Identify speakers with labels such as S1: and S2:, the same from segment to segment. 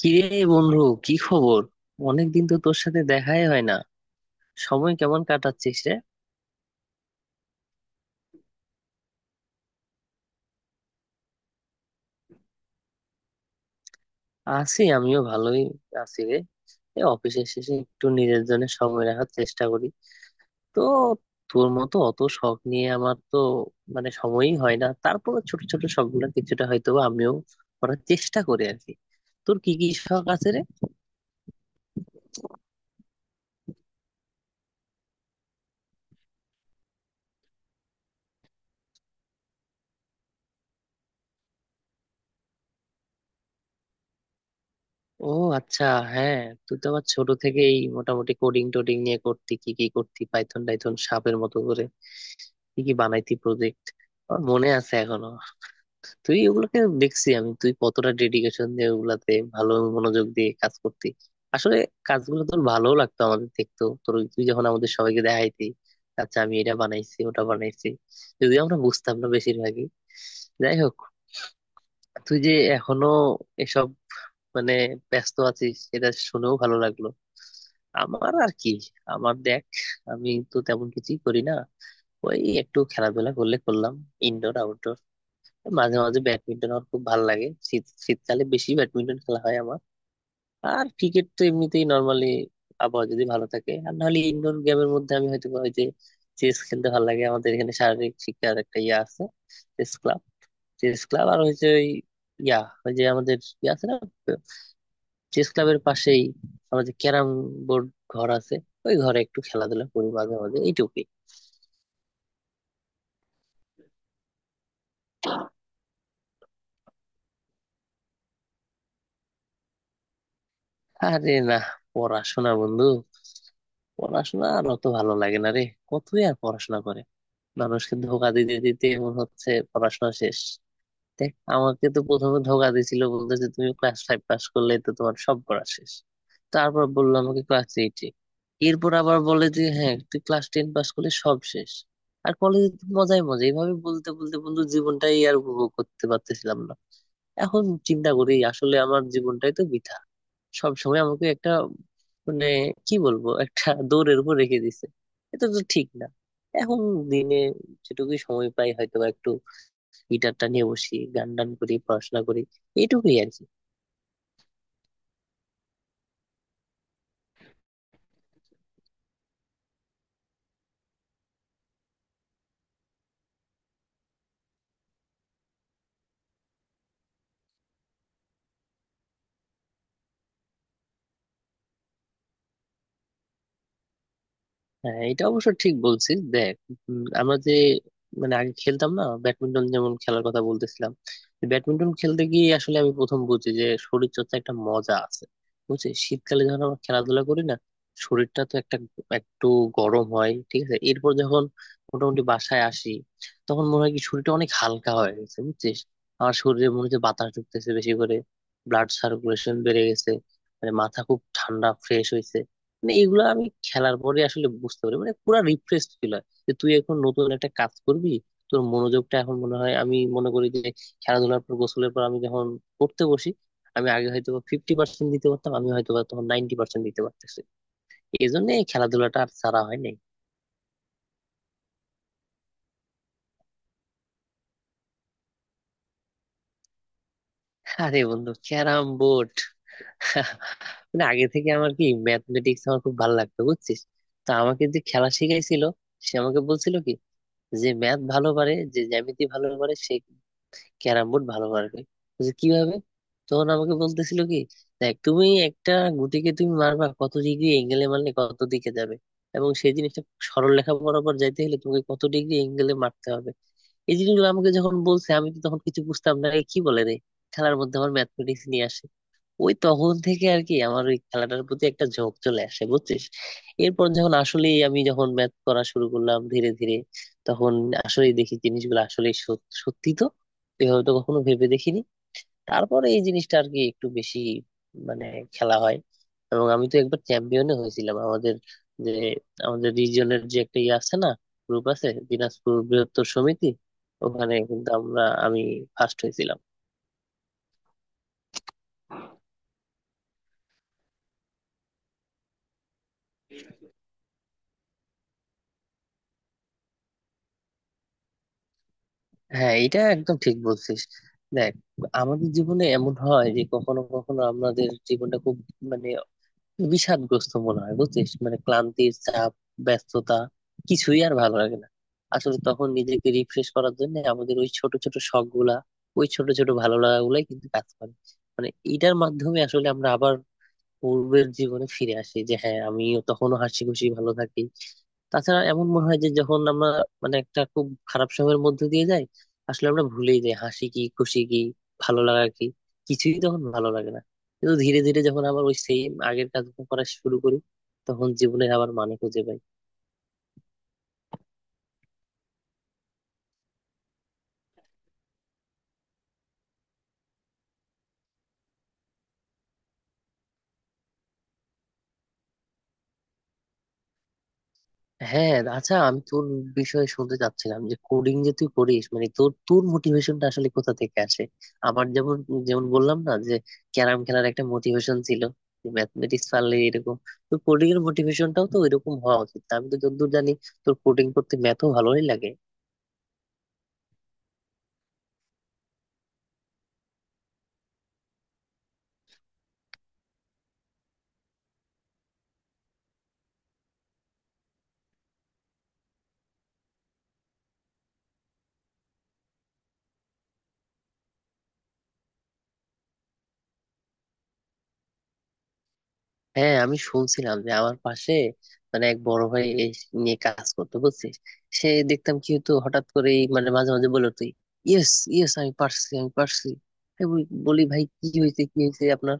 S1: কিরে বন্ধু, কি খবর? অনেকদিন তো তোর সাথে দেখাই হয় না। সময় কেমন কাটাচ্ছিস রে? আছি, আমিও ভালোই আছি রে। এই অফিসের শেষে একটু নিজের জন্য সময় রাখার চেষ্টা করি। তো তোর মতো অত শখ নিয়ে আমার তো সময়ই হয় না। তারপরে ছোট ছোট শখ গুলো কিছুটা হয়তো বা আমিও করার চেষ্টা করি আর কি। তোর কি কি শখ আছে রে? ও, আচ্ছা, হ্যাঁ। তুই তো আবার ছোট থেকেই মোটামুটি কোডিং টোডিং নিয়ে করতি। কি কি করতি, পাইথন টাইথন সাপের মতো করে কি কি বানাইতি প্রজেক্ট, আমার মনে আছে এখনো। তুই ওগুলোকে দেখছি আমি, তুই কতটা ডেডিকেশন দিয়ে ওগুলাতে ভালো মনোযোগ দিয়ে কাজ করতি। আসলে কাজগুলো তোর ভালো লাগতো। আমাদের দেখতো তোর ওই- তুই যখন আমাদের সবাইকে দেখাইতি, আচ্ছা আমি এটা বানাইছি ওটা বানাইছি, যদিও আমরা বুঝতাম না বেশিরভাগই। যাই হোক, তুই যে এখনো এসব মানে ব্যস্ত আছিস, এটা শুনেও ভালো লাগলো। আমার আর কি, আমার দেখ, আমি তো তেমন কিছুই করি না। ওই একটু খেলাধুলা করলে করলাম, ইনডোর আউটডোর। মাঝে মাঝে ব্যাডমিন্টন আমার খুব ভালো লাগে। শীত শীতকালে বেশি ব্যাডমিন্টন খেলা হয় আমার। আর ক্রিকেট তো এমনিতেই নর্মালি আবহাওয়া যদি ভালো থাকে। আর নাহলে ইনডোর গেমের মধ্যে আমি হয়তো বা ওই যে চেস খেলতে ভালো লাগে। আমাদের এখানে শারীরিক শিক্ষার একটা ইয়ে আছে, চেস ক্লাব। চেস ক্লাব আর হচ্ছে ওই, ইয়া, ওই যে আমাদের ইয়ে আছে না, চেস ক্লাবের পাশেই আমাদের ক্যারাম বোর্ড ঘর আছে। ওই ঘরে একটু খেলাধুলা করি মাঝে মাঝে, এইটুকুই। আরে না, পড়াশোনা বন্ধু, পড়াশোনা আর অত ভালো লাগে না রে। কতই আর পড়াশোনা করে, মানুষকে ধোঁকা দিতে দিতে ওর হচ্ছে পড়াশোনা শেষ। দেখ, আমাকে তো প্রথমে ধোকা দিয়েছিল, বলতেছে তুমি ক্লাস ফাইভ পাস করলে তো তোমার সব পড়া শেষ। তারপর বললো আমাকে ক্লাস এইটে। এরপর আবার বলে যে হ্যাঁ, তুই ক্লাস টেন পাস করলে সব শেষ, আর কলেজে তো মজাই মজা। এইভাবে বলতে বলতে বন্ধু জীবনটাই আর উপভোগ করতে পারতেছিলাম না। এখন চিন্তা করি আসলে আমার জীবনটাই তো বৃথা। সব সময় আমাকে একটা মানে কি বলবো, একটা দৌড়ের উপর রেখে দিছে। এটা তো ঠিক না। এখন দিনে যেটুকুই সময় পাই হয়তো বা গিটারটা নিয়ে বসি, গান টান করি, পড়াশোনা করি, এইটুকুই আর কি। হ্যাঁ, এটা অবশ্য ঠিক বলছিস। দেখ, আমরা যে আগে খেলতাম না, ব্যাডমিন্টন যেমন খেলার কথা বলতেছিলাম। ব্যাডমিন্টন খেলতে গিয়ে আসলে আমি প্রথম বুঝি যে শরীর চর্চা একটা মজা আছে। বুঝছিস, শীতকালে যখন আমরা খেলাধুলা করি না, শরীরটা তো একটা একটু গরম হয়, ঠিক আছে। এরপর যখন মোটামুটি বাসায় আসি, তখন মনে হয় কি শরীরটা অনেক হালকা হয়ে গেছে। বুঝছিস, আমার শরীরে মনে হচ্ছে বাতাস ঢুকতেছে বেশি করে, ব্লাড সার্কুলেশন বেড়ে গেছে, মাথা খুব ঠান্ডা ফ্রেশ হয়েছে। মানে এগুলো আমি খেলার পরে আসলে বুঝতে পারি, মানে পুরা রিফ্রেশ ফিল হয় যে তুই এখন নতুন একটা কাজ করবি। তোর মনোযোগটা এখন মনে হয়, আমি মনে করি যে খেলাধুলার পর, গোসলের পর আমি যখন পড়তে বসি, আমি আগে হয়তো 50% দিতে পারতাম, আমি হয়তো বা তখন 90% দিতে পারতেছি। এই জন্য এই খেলাধুলাটা আর ছাড়া হয় নাই। আরে বন্ধু, ক্যারাম বোর্ড আগে থেকে আমার কি ম্যাথমেটিক্স আমার খুব ভালো লাগতো, বুঝছিস। তো আমাকে যে খেলা শিখাইছিল, সে আমাকে বলছিল কি, যে ম্যাথ ভালো পারে, যে জ্যামিতি ভালো পারে, সে ক্যারাম বোর্ড ভালো পারবে। বলছে, কিভাবে? তখন আমাকে বলতেছিল কি, দেখ তুমি একটা গুটিকে তুমি মারবা, কত ডিগ্রি এঙ্গেলে মারলে কত দিকে যাবে, এবং সেই জিনিসটা সরল রেখা বরাবর যাইতে হলে তোমাকে কত ডিগ্রি এঙ্গেলে মারতে হবে। এই জিনিসগুলো আমাকে যখন বলছে, আমি তো তখন কিছু বুঝতাম না, এ কি বলে রে, খেলার মধ্যে আমার ম্যাথমেটিক্স নিয়ে আসে। ওই তখন থেকে আর কি আমার ওই খেলাটার প্রতি একটা ঝোঁক চলে আসে, বুঝছিস। এরপর যখন আসলে আমি যখন ম্যাথ করা শুরু করলাম ধীরে ধীরে, তখন আসলে দেখি জিনিসগুলো আসলে সত্যি তো, এভাবে তো কখনো ভেবে দেখিনি। তারপরে এই জিনিসটা আর কি একটু বেশি মানে খেলা হয়। এবং আমি তো একবার চ্যাম্পিয়নও হয়েছিলাম আমাদের, যে আমাদের রিজিয়নের যে একটা ইয়ে আছে না, গ্রুপ আছে, দিনাজপুর বৃহত্তর সমিতি। ওখানে কিন্তু আমি ফার্স্ট হয়েছিলাম। হ্যাঁ, এটা একদম ঠিক বলছিস। দেখ, আমাদের জীবনে এমন হয় যে কখনো কখনো আমাদের জীবনটা খুব মানে বিষাদগ্রস্ত মনে হয়, বুঝছিস। মানে ক্লান্তির চাপ, ব্যস্ততা, কিছুই আর ভালো লাগে না। আসলে তখন নিজেকে রিফ্রেশ করার জন্য আমাদের ওই ছোট ছোট শখ গুলা, ওই ছোট ছোট ভালো লাগা গুলাই কিন্তু কাজ করে। মানে এটার মাধ্যমে আসলে আমরা আবার পূর্বের জীবনে ফিরে আসি যে হ্যাঁ, আমিও তখনও হাসি খুশি ভালো থাকি। তাছাড়া এমন মনে হয় যে যখন আমরা একটা খুব খারাপ সময়ের মধ্যে দিয়ে যাই, আসলে আমরা ভুলেই যাই হাসি কি, খুশি কি, ভালো লাগা কি, কিছুই তখন ভালো লাগে না। কিন্তু ধীরে ধীরে যখন আবার ওই সেম আগের কাজ করা শুরু করি, তখন জীবনের আবার মানে খুঁজে পাই। হ্যাঁ, আচ্ছা, আমি তোর বিষয়ে শুনতে চাচ্ছিলাম যে কোডিং যে তুই করিস, মানে তোর তোর মোটিভেশনটা আসলে কোথা থেকে আসে। আমার যেমন, যেমন বললাম না যে ক্যারাম খেলার একটা মোটিভেশন ছিল, ম্যাথমেটিক্স পারলে এরকম। তো কোডিং এর মোটিভেশনটাও তো এরকম হওয়া উচিত, আমি তো যতদূর জানি তোর কোডিং করতে ম্যাথও ভালোই লাগে। হ্যাঁ, আমি শুনছিলাম যে আমার পাশে এক বড় ভাই এই নিয়ে কাজ করতে, বুঝছিস। সে দেখতাম কি হতো হঠাৎ করে, মানে মাঝে মাঝে বলে তুই, ইয়েস ইয়েস, আমি পারছি আমি পারছি। আমি বলি বলি, ভাই কি হয়েছে, কি হয়েছে আপনার?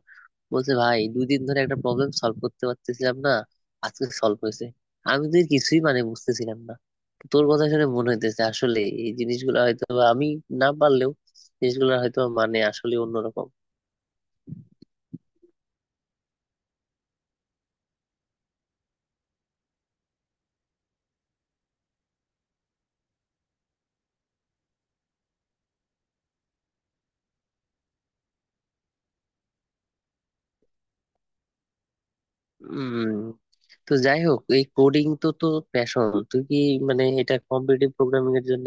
S1: বলছে ভাই, দুই দিন ধরে একটা প্রবলেম সলভ করতে পারতেছিলাম না, আজকে সলভ হয়েছে। আমি তো এর কিছুই বুঝতেছিলাম না। তোর কথা শুনে মনে হইতেছে আসলে এই জিনিসগুলো হয়তো বা আমি না পারলেও জিনিসগুলো হয়তো আসলে অন্যরকম। উম তো যাই হোক, এই কোডিং তো তো প্যাশন। তুই কি এটা কম্পিটিটিভ প্রোগ্রামিং এর জন্য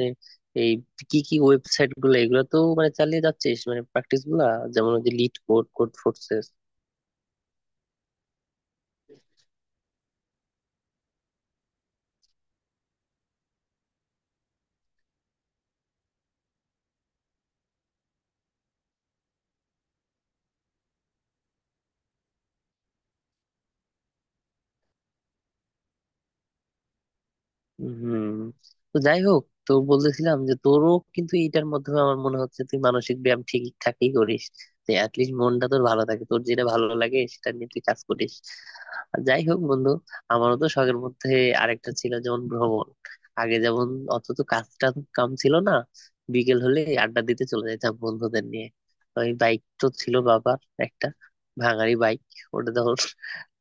S1: এই কি কি ওয়েবসাইট গুলো, এগুলো তো মানে চালিয়ে যাচ্ছিস, মানে প্র্যাকটিস গুলা, যেমন ওই যে লিড কোড কোড। হুম, তো যাই হোক, তো বলতেছিলাম যে তোরও কিন্তু এটার মাধ্যমে আমার মনে হচ্ছে তুই মানসিক ব্যায়াম ঠিকঠাকই করিস, যে অ্যাটলিস্ট মনটা তোর ভালো থাকে, তোর যেটা ভালো লাগে সেটা নিয়ে তুই কাজ করিস। আর যাই হোক বন্ধু, আমারও তো শখের মধ্যে আরেকটা ছিল, যেমন ভ্রমণ। আগে যেমন অত তো কাজ টাজ কাম ছিল না, বিকেল হলে আড্ডা দিতে চলে যেতাম বন্ধুদের নিয়ে। ওই বাইক তো ছিল বাবার, একটা ভাঙাড়ি বাইক, ওটা তখন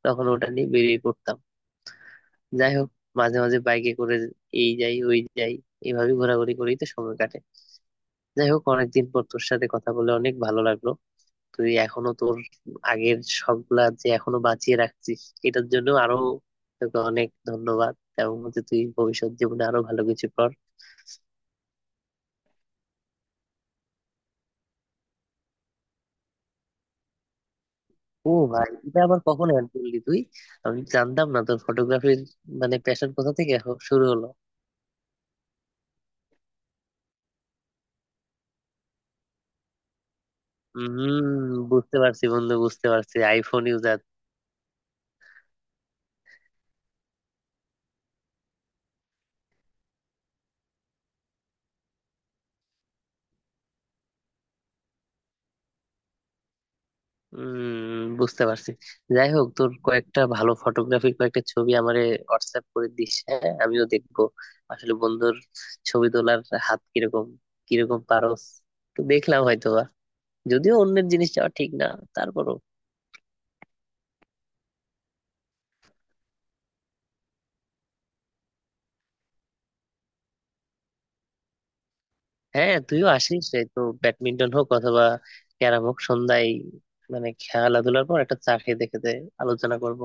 S1: তখন ওটা নিয়ে বেরিয়ে পড়তাম। যাই হোক, মাঝে মাঝে বাইকে করে এই যাই ওই যাই, এইভাবে ঘোরাঘুরি করেই তো সময় কাটে। যাই হোক, অনেকদিন পর তোর সাথে কথা বলে অনেক ভালো লাগলো। তুই এখনো তোর আগের সবগুলা যে এখনো বাঁচিয়ে রাখছিস, এটার জন্য আরো তোকে অনেক ধন্যবাদ। এবং হচ্ছে তুই ভবিষ্যৎ জীবনে আরো ভালো কিছু কর। ও ভাই, এটা আবার কখন অ্যাড করলি তুই? আমি জানতাম না তোর ফটোগ্রাফির প্যাশন কোথা থেকে শুরু হলো। হম, বুঝতে পারছি বন্ধু, বুঝতে পারছি, আইফোন ইউজার। উম, বুঝতে পারছি। যাই হোক, তোর কয়েকটা ভালো ফটোগ্রাফির কয়েকটা ছবি আমারে হোয়াটসঅ্যাপ করে দিস, হ্যাঁ আমিও দেখবো, আসলে বন্ধুর ছবি তোলার হাত কিরকম, কিরকম পারস তো দেখলাম হয়তো বা। যদিও অন্যের জিনিস যাওয়া ঠিক না, তারপরও। হ্যাঁ, তুইও আসিস। এই তো ব্যাডমিন্টন হোক অথবা ক্যারাম হোক, সন্ধ্যায় মানে খেলাধুলার পর একটা চা খেয়ে দেখে দে, আলোচনা করব।